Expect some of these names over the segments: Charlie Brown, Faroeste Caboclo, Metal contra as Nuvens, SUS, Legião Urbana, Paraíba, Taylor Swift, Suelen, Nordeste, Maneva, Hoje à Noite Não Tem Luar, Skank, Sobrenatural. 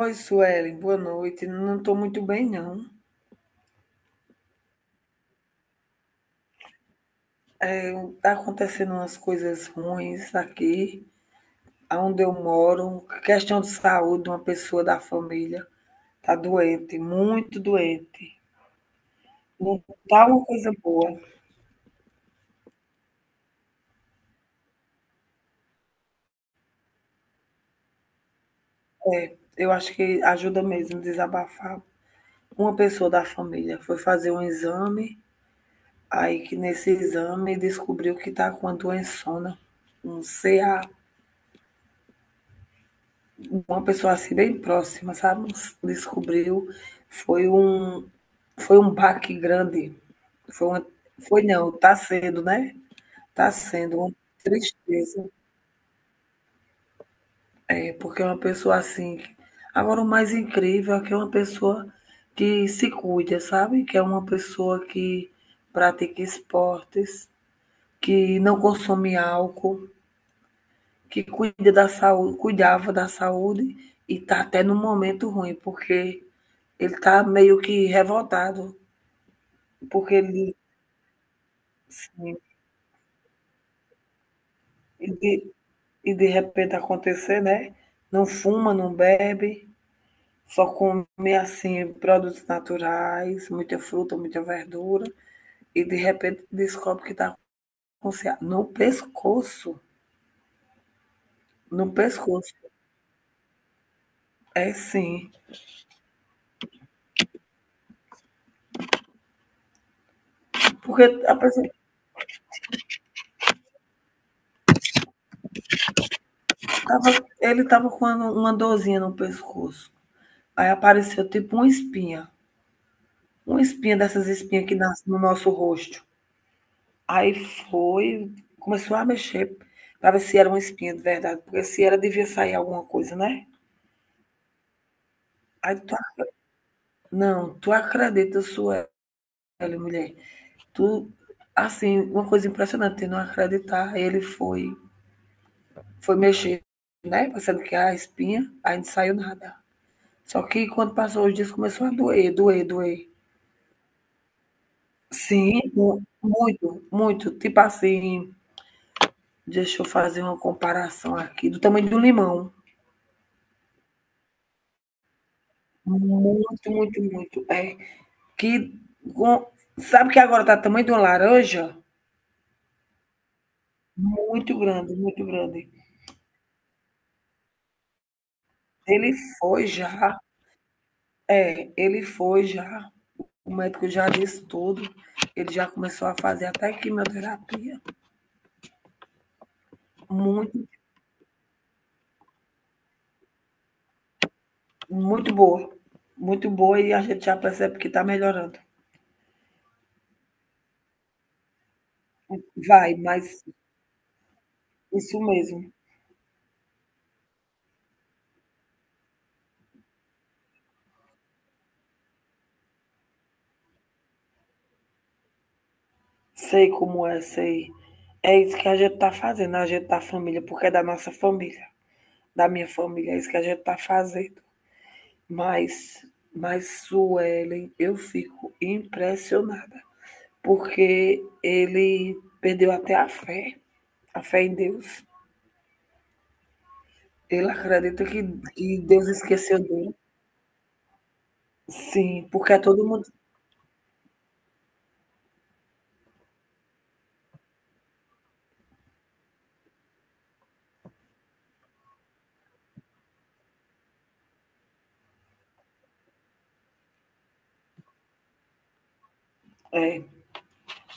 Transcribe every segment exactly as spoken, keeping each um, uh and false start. Oi, Suelen, boa noite. Não estou muito bem, não. É, tá acontecendo umas coisas ruins aqui, onde eu moro. Questão de saúde, uma pessoa da família tá doente, muito doente. Não tá uma coisa boa. Eu acho que ajuda mesmo desabafar. Uma pessoa da família foi fazer um exame, aí que nesse exame descobriu que tá com a doençona, um C A. Uma pessoa assim bem próxima, sabe? Descobriu, foi um foi um baque grande. Foi uma, foi não, tá sendo, né? Tá sendo uma tristeza, é, porque é uma pessoa assim. Agora o mais incrível é que é uma pessoa que se cuida, sabe? Que é uma pessoa que pratica esportes, que não consome álcool, que cuida da saúde, cuidava da saúde e está até num momento ruim, porque ele está meio que revoltado, porque ele, sim, e de, e de repente acontecer, né? Não fuma, não bebe, só come assim produtos naturais, muita fruta, muita verdura, e de repente descobre que está com cea- no pescoço, no pescoço. É sim, porque a pessoa tava, ele estava com uma uma dorzinha no pescoço. Aí apareceu tipo uma espinha, uma espinha dessas espinhas que nascem no nosso rosto. Aí foi, começou a mexer para ver se era uma espinha de verdade, porque se era devia sair alguma coisa, né? Aí tu, a- não, tu acredita, Sueli, mulher. Tu, assim, uma coisa impressionante, eu não acreditar. Aí ele foi, foi mexer, né? Pensando que era a espinha, aí não saiu nada. Só que quando passou os dias, começou a doer, doer, doer. Sim, mu- muito, muito. Tipo assim, deixa eu fazer uma comparação aqui do tamanho do limão. Muito, muito, muito. É que com- sabe que agora tá do tamanho de uma laranja? Muito grande, muito grande. Ele foi já, é, ele foi já. O médico já disse tudo. Ele já começou a fazer até quimioterapia. Muito, muito boa. Muito boa e a gente já percebe que tá melhorando. Vai, mas isso mesmo. Sei como é, sei. É isso que a gente tá fazendo, a gente tá família, porque é da nossa família, da minha família, é isso que a gente tá fazendo. Mas, mas Suelen, eu fico impressionada, porque ele perdeu até a fé, a fé em Deus. Ele acredita que, que Deus esqueceu dele. Sim, porque é todo mundo. É,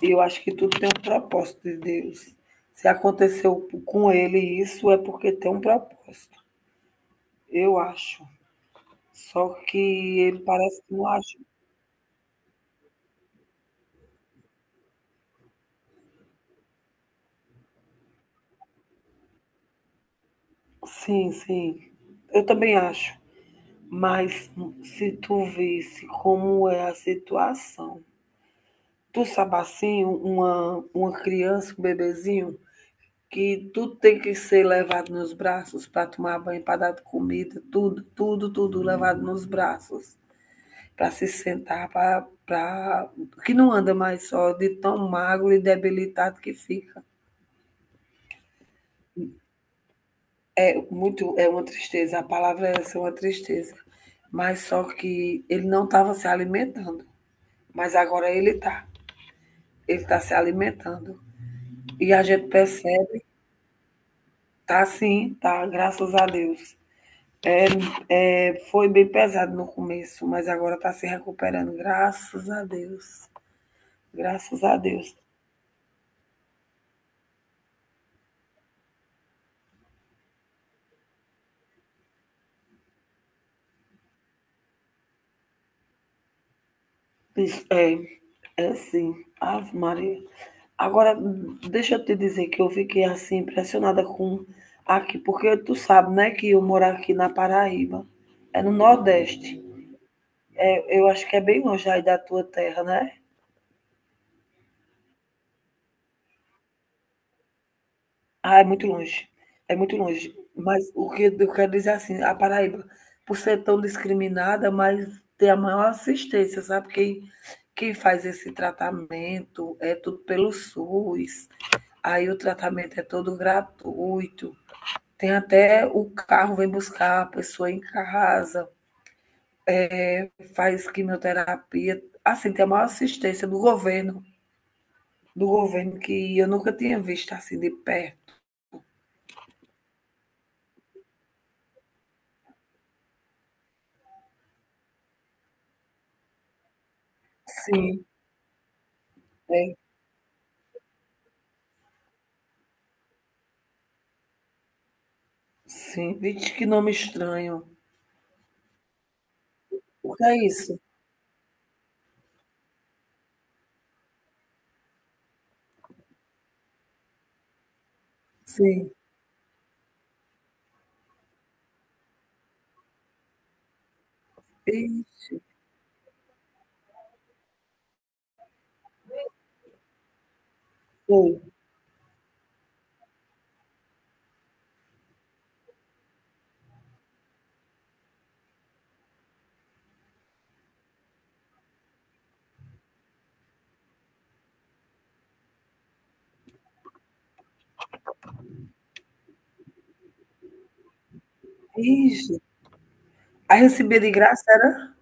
eu acho que tudo tem um propósito de Deus. Se aconteceu com ele isso, é porque tem um propósito. Eu acho. Só que ele parece que não acha sim, sim. Eu também acho, mas se tu visse como é a situação. Tu sabe assim, uma uma criança, um bebezinho, que tu tem que ser levado nos braços para tomar banho, para dar comida, tudo, tudo, tudo levado nos braços, para se sentar, para para que não anda mais só de tão magro e debilitado que fica. Muito, é uma tristeza, a palavra é essa, é uma tristeza. Mas só que ele não estava se alimentando, mas agora ele está. Ele está se alimentando. E a gente percebe, tá sim, tá, graças a Deus. É, foi bem pesado no começo, mas agora está se recuperando, graças a Deus. Graças a Deus. É, é sim. Ave Maria. Agora, deixa eu te dizer que eu fiquei assim impressionada com aqui, porque tu sabe, né, que eu moro aqui na Paraíba, é no Nordeste. Eu, eu acho que é bem longe aí da tua terra, né? Ah, é muito longe, é muito longe. Mas o que eu quero dizer assim, a Paraíba, por ser tão discriminada, mas tem a maior assistência, sabe? Quem, quem faz esse tratamento é tudo pelo SUS, aí o tratamento é todo gratuito. Tem até o carro vem buscar a pessoa em casa, faz quimioterapia. Assim, tem a maior assistência do governo, do governo que eu nunca tinha visto assim de perto. Sim, é. Sim. Vixe, que nome estranho. O que é isso? Sim. Ixi, foi. Ixi. Aí recebia de graça, era?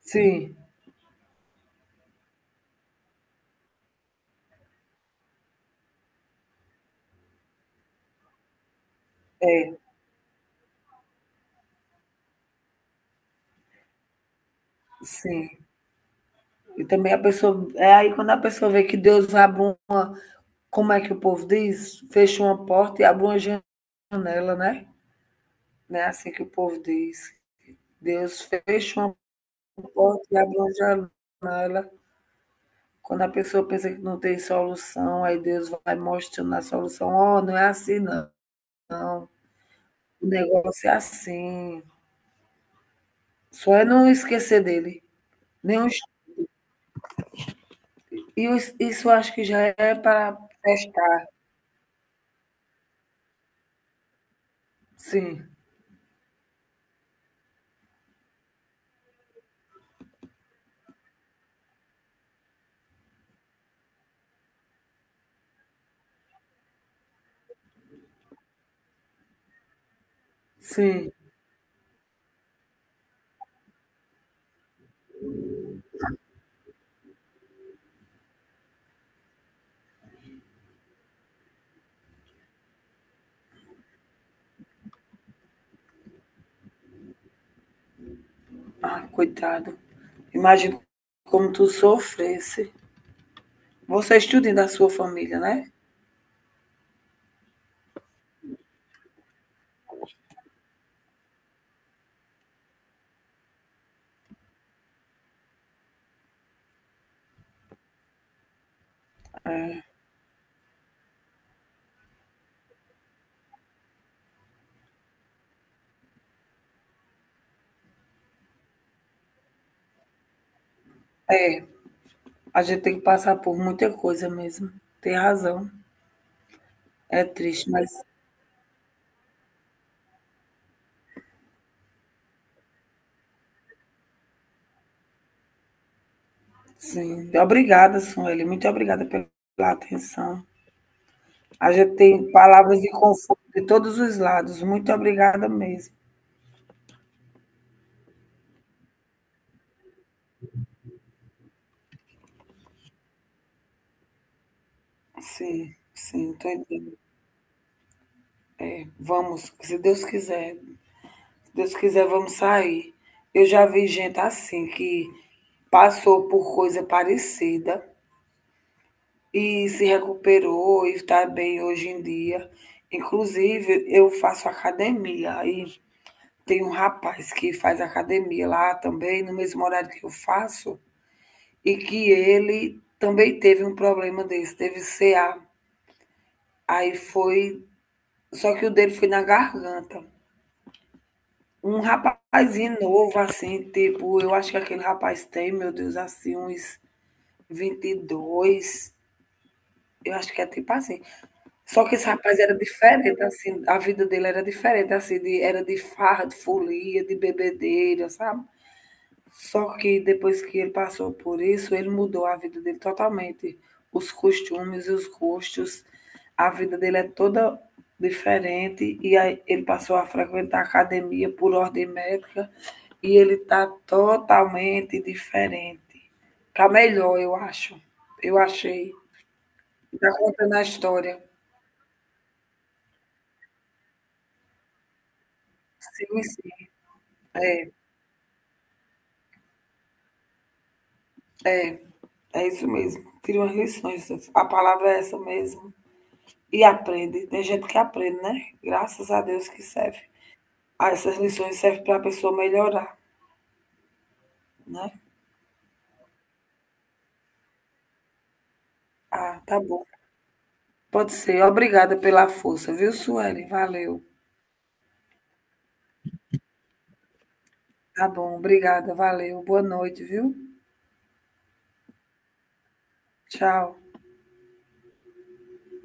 Sim, é, sim. E também a pessoa. É aí quando a pessoa vê que Deus abre um. Como é que o povo diz? Fecha uma porta e abre uma janela, né? Não é assim que o povo diz. Deus fecha uma porta e abre uma janela. Quando a pessoa pensa que não tem solução, aí Deus vai mostrando a solução. Oh, não é assim, não. Não. O negócio é assim. Só é não esquecer dele. Nenhum... E isso acho que já é para testar. Sim, sim. Ah, coitado. Imagina como tu sofresse. Você estuda da sua família, né? É. É. A gente tem que passar por muita coisa mesmo. Tem razão. É triste, mas sim. Obrigada, Sueli. Muito obrigada pela atenção. A gente tem palavras de conforto de todos os lados. Muito obrigada mesmo. Sim, sim, estou entendendo. Vamos, se Deus quiser. Se Deus quiser, vamos sair. Eu já vi gente assim que passou por coisa parecida e se recuperou e está bem hoje em dia. Inclusive, eu faço academia e tem um rapaz que faz academia lá também, no mesmo horário que eu faço, e que ele também teve um problema desse, teve C A. Aí foi, só que o dele foi na garganta. Um rapazinho novo, assim, tipo, eu acho que aquele rapaz tem, meu Deus, assim, uns vinte e dois, eu acho que é tipo assim. Só que esse rapaz era diferente, assim, a vida dele era diferente, assim, de, era de farra, de folia, de bebedeira, sabe? Só que depois que ele passou por isso, ele mudou a vida dele totalmente. Os costumes e os gostos, a vida dele é toda diferente e aí ele passou a frequentar a academia por ordem médica e ele está totalmente diferente. Para melhor, eu acho. Eu achei. Está contando a história. Sim, sim. É. É, é isso mesmo. Tira umas lições. A palavra é essa mesmo. E aprende. Tem gente que aprende, né? Graças a Deus que serve. Ah, essas lições servem para a pessoa melhorar, né? Ah, tá bom. Pode ser. Obrigada pela força, viu, Sueli? Valeu. Tá bom, obrigada, valeu. Boa noite, viu? Tchau.